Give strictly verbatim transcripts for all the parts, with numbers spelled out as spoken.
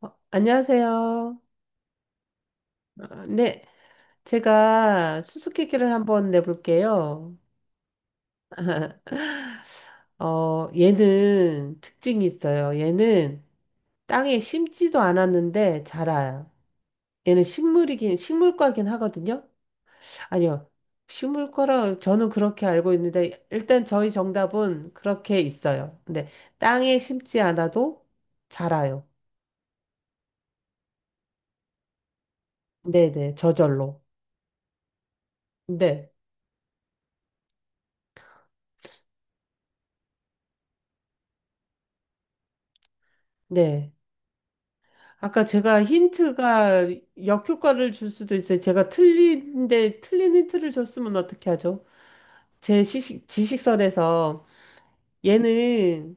어, 안녕하세요. 어, 네, 제가 수수께끼를 한번 내볼게요. 어, 얘는 특징이 있어요. 얘는 땅에 심지도 않았는데 자라요. 얘는 식물이긴, 식물과긴 하거든요. 아니요, 식물과라 저는 그렇게 알고 있는데 일단 저희 정답은 그렇게 있어요. 근데 땅에 심지 않아도 자라요. 네네, 저절로. 네, 네. 아까 제가 힌트가 역효과를 줄 수도 있어요. 제가 틀린데 틀린 힌트를 줬으면 어떻게 하죠? 제 지식, 지식선에서 얘는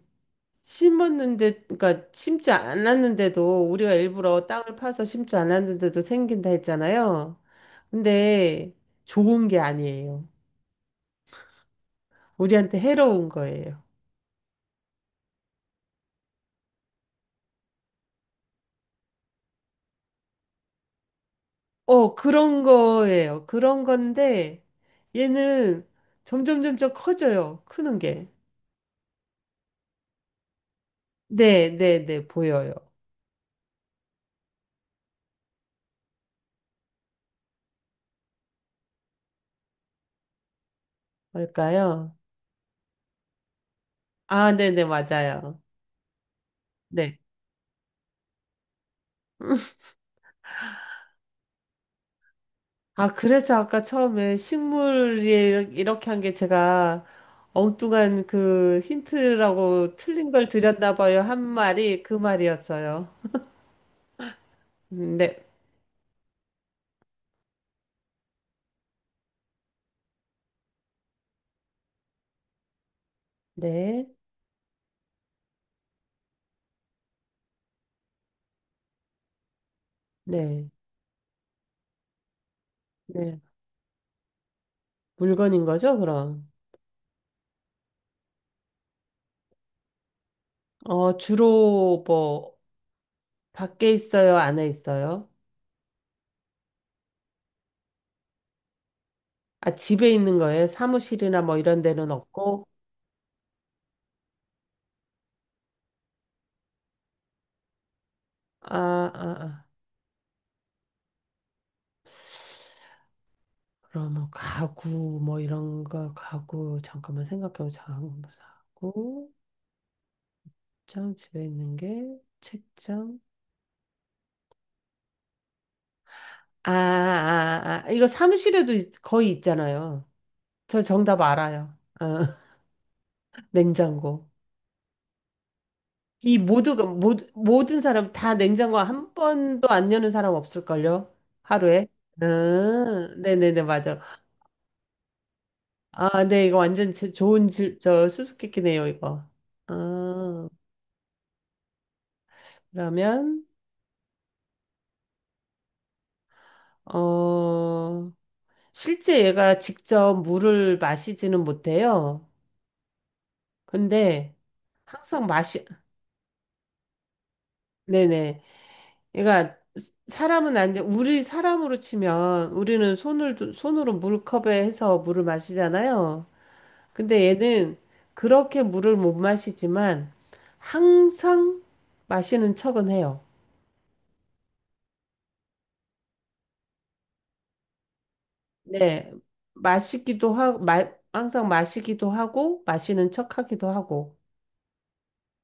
심었는데, 그러니까 심지 않았는데도 우리가 일부러 땅을 파서 심지 않았는데도 생긴다 했잖아요. 근데 좋은 게 아니에요. 우리한테 해로운 거예요. 어, 그런 거예요. 그런 건데 얘는 점점 점점 커져요. 크는 게. 네, 네, 네, 보여요. 뭘까요? 아, 네, 네, 맞아요. 네. 아, 그래서 아까 처음에 식물이 이렇게 한 게 제가 엉뚱한 그 힌트라고 틀린 걸 드렸나 봐요. 한 말이 그 말이었어요. 음, 네, 네, 네, 네. 물건인 거죠, 그럼? 어, 주로 뭐, 밖에 있어요? 안에 있어요? 아, 집에 있는 거예요? 사무실이나 뭐 이런 데는 없고? 아, 아, 아. 그럼 뭐 가구 뭐 이런 거 가구 잠깐만 생각해보자. 가구 사고 장 집에 있는 게 책장. 아, 아, 아 이거 사무실에도 있- 거의 있잖아요. 저 정답 알아요. 어, 냉장고. 이 모두가 모, 모든 사람 다 냉장고 한 번도 안 여는 사람 없을걸요? 하루에. 음, 네네네 맞아. 아, 네 이거 완전 제- 좋은 질, 저 수수께끼네요 이거. 아, 그러면 어. 실제 얘가 직접 물을 마시지는 못해요. 근데 항상 마시, 네네. 얘가 사람은 안 돼. 우리 사람으로 치면 우리는 손을, 손으로 물컵에 해서 물을 마시잖아요. 근데 얘는 그렇게 물을 못 마시지만 항상 마시는 척은 해요. 네. 마시기도 하고, 마, 항상 마시기도 하고, 마시는 척 하기도 하고.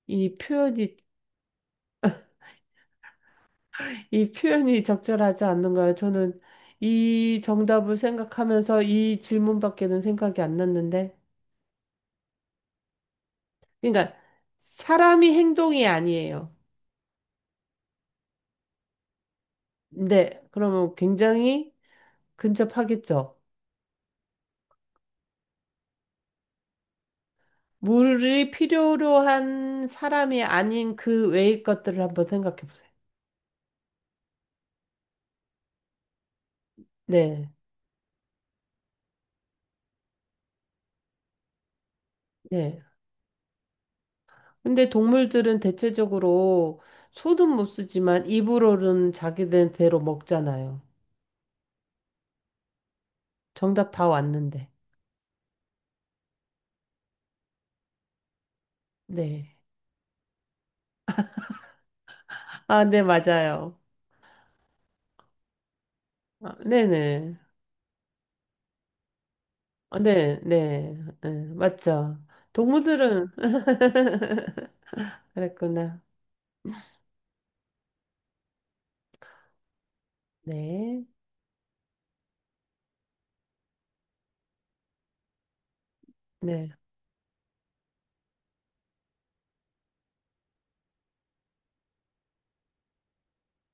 이 표현이 이 표현이 적절하지 않는가요? 저는 이 정답을 생각하면서 이 질문밖에는 생각이 안 났는데. 그러니까 사람이 행동이 아니에요. 네, 그러면 굉장히 근접하겠죠. 물이 필요로 한 사람이 아닌 그 외의 것들을 한번 생각해 보세요. 네, 네. 근데 동물들은 대체적으로 소는 못 쓰지만 입으로는 자기들대로 먹잖아요. 정답 다 왔는데. 네. 아, 네, 맞아요. 아, 네네. 아, 네, 네, 네, 맞죠. 동물들은, 그랬구나. 네, 네,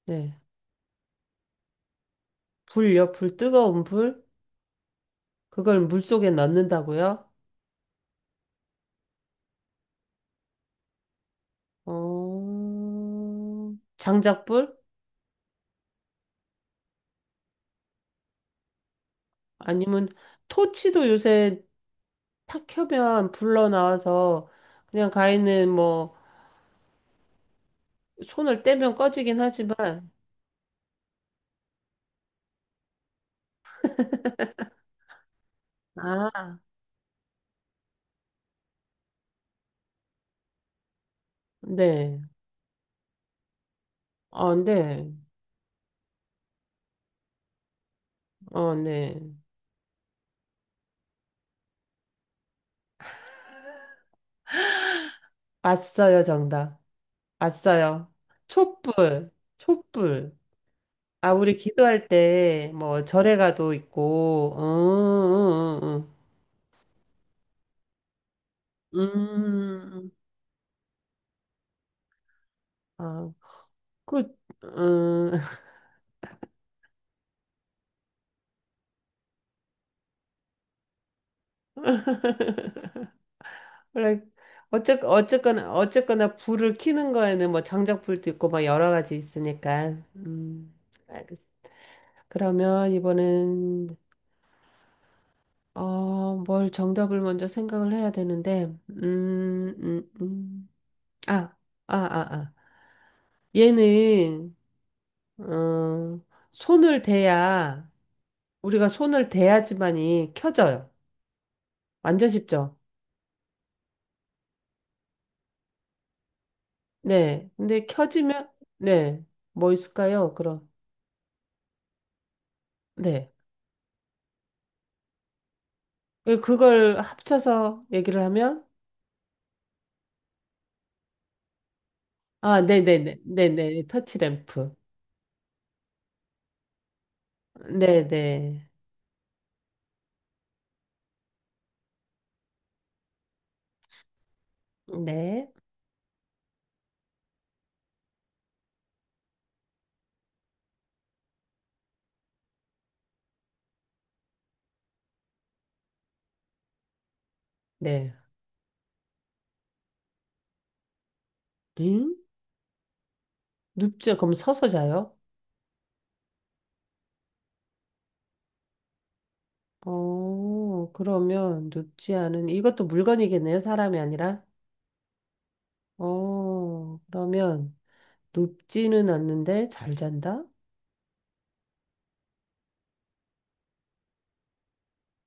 네. 불요? 불, 뜨거운 불? 그걸 물속에 넣는다고요? 어, 장작불? 아니면 토치도 요새 탁 켜면 불러 나와서 그냥 가인는뭐 손을 떼면 꺼지긴 하지만, 아, 네. 어, 네. 어, 네. 왔어요, 정답. 왔어요. 촛불, 촛불. 아, 우리 기도할 때, 뭐, 절에 가도 있고, 음, 음, 음, 음. 아, 그, 음, 원래, 어쨌, 어쨌거나, 어쨌거나, 불을 켜는 거에는 뭐, 장작불도 있고, 막 여러 가지 있으니까, 음, 알겠어. 그러면 이번엔, 어, 뭘 정답을 먼저 생각을 해야 되는데, 음, 음, 음. 아, 아, 아, 아. 얘는 어, 손을 대야 우리가 손을 대야지만이 켜져요. 완전 쉽죠? 네. 근데 켜지면 네. 뭐 있을까요? 그럼 네. 예, 그걸 합쳐서 얘기를 하면 아, 네, 네, 네, 네, 네. 터치램프. 네, 네, 네, 네. 응? 눕지 그럼 서서 자요? 어, 그러면 눕지 않은 이것도 물건이겠네요. 사람이 아니라. 어, 그러면 높지는 않는데 잘 잔다?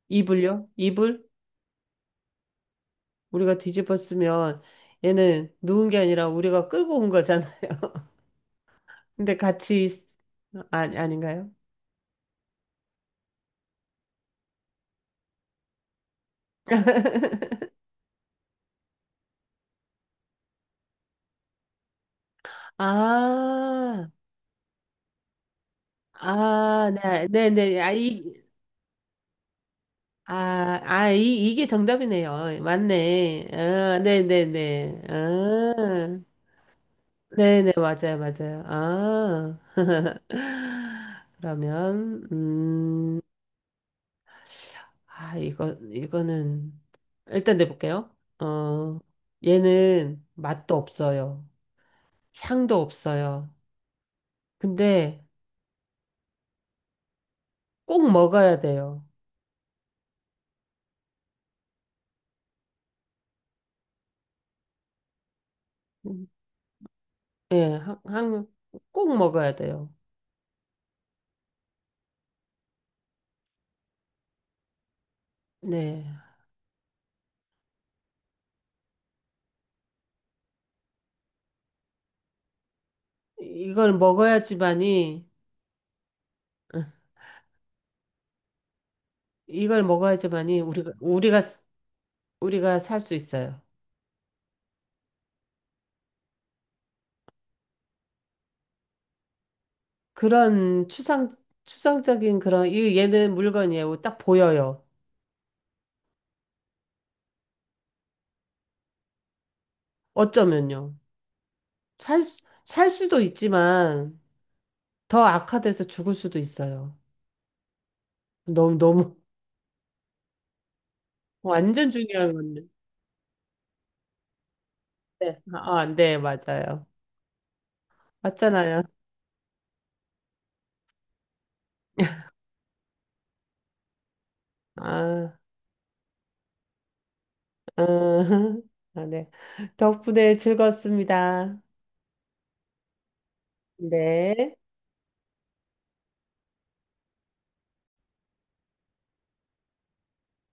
이불요? 이불? 우리가 뒤집어 쓰면 얘는 누운 게 아니라 우리가 끌고 온 거잖아요. 근데 같이 있- 아, 아닌가요? 아, 아, 네, 네, 네. 아, 이, 아, 아, 이, 이게 정답이네요. 맞네. 아, 네, 네, 네. 아, 네, 네, 맞아요, 맞아요. 아, 그러면, 음. 아, 이거, 이거는, 일단 내볼게요. 어, 얘는 맛도 없어요. 향도 없어요. 근데 꼭 먹어야 돼요. 음, 예, 항, 항- 꼭 먹어야 돼요. 네. 이걸 먹어야지만이, 이걸 먹어야지만이 우리가, 우리가, 우리가 살 수 있어요. 그런 추상, 추상적인 그런, 이, 얘는 물건이에요. 딱 보여요. 어쩌면요. 살, 수- 살 수도 있지만, 더 악화돼서 죽을 수도 있어요. 너무, 너무, 완전 중요한 건데. 네. 아, 네, 맞아요. 맞잖아요. 아, 음, 아, 네. 덕분에 즐거웠습니다. 네.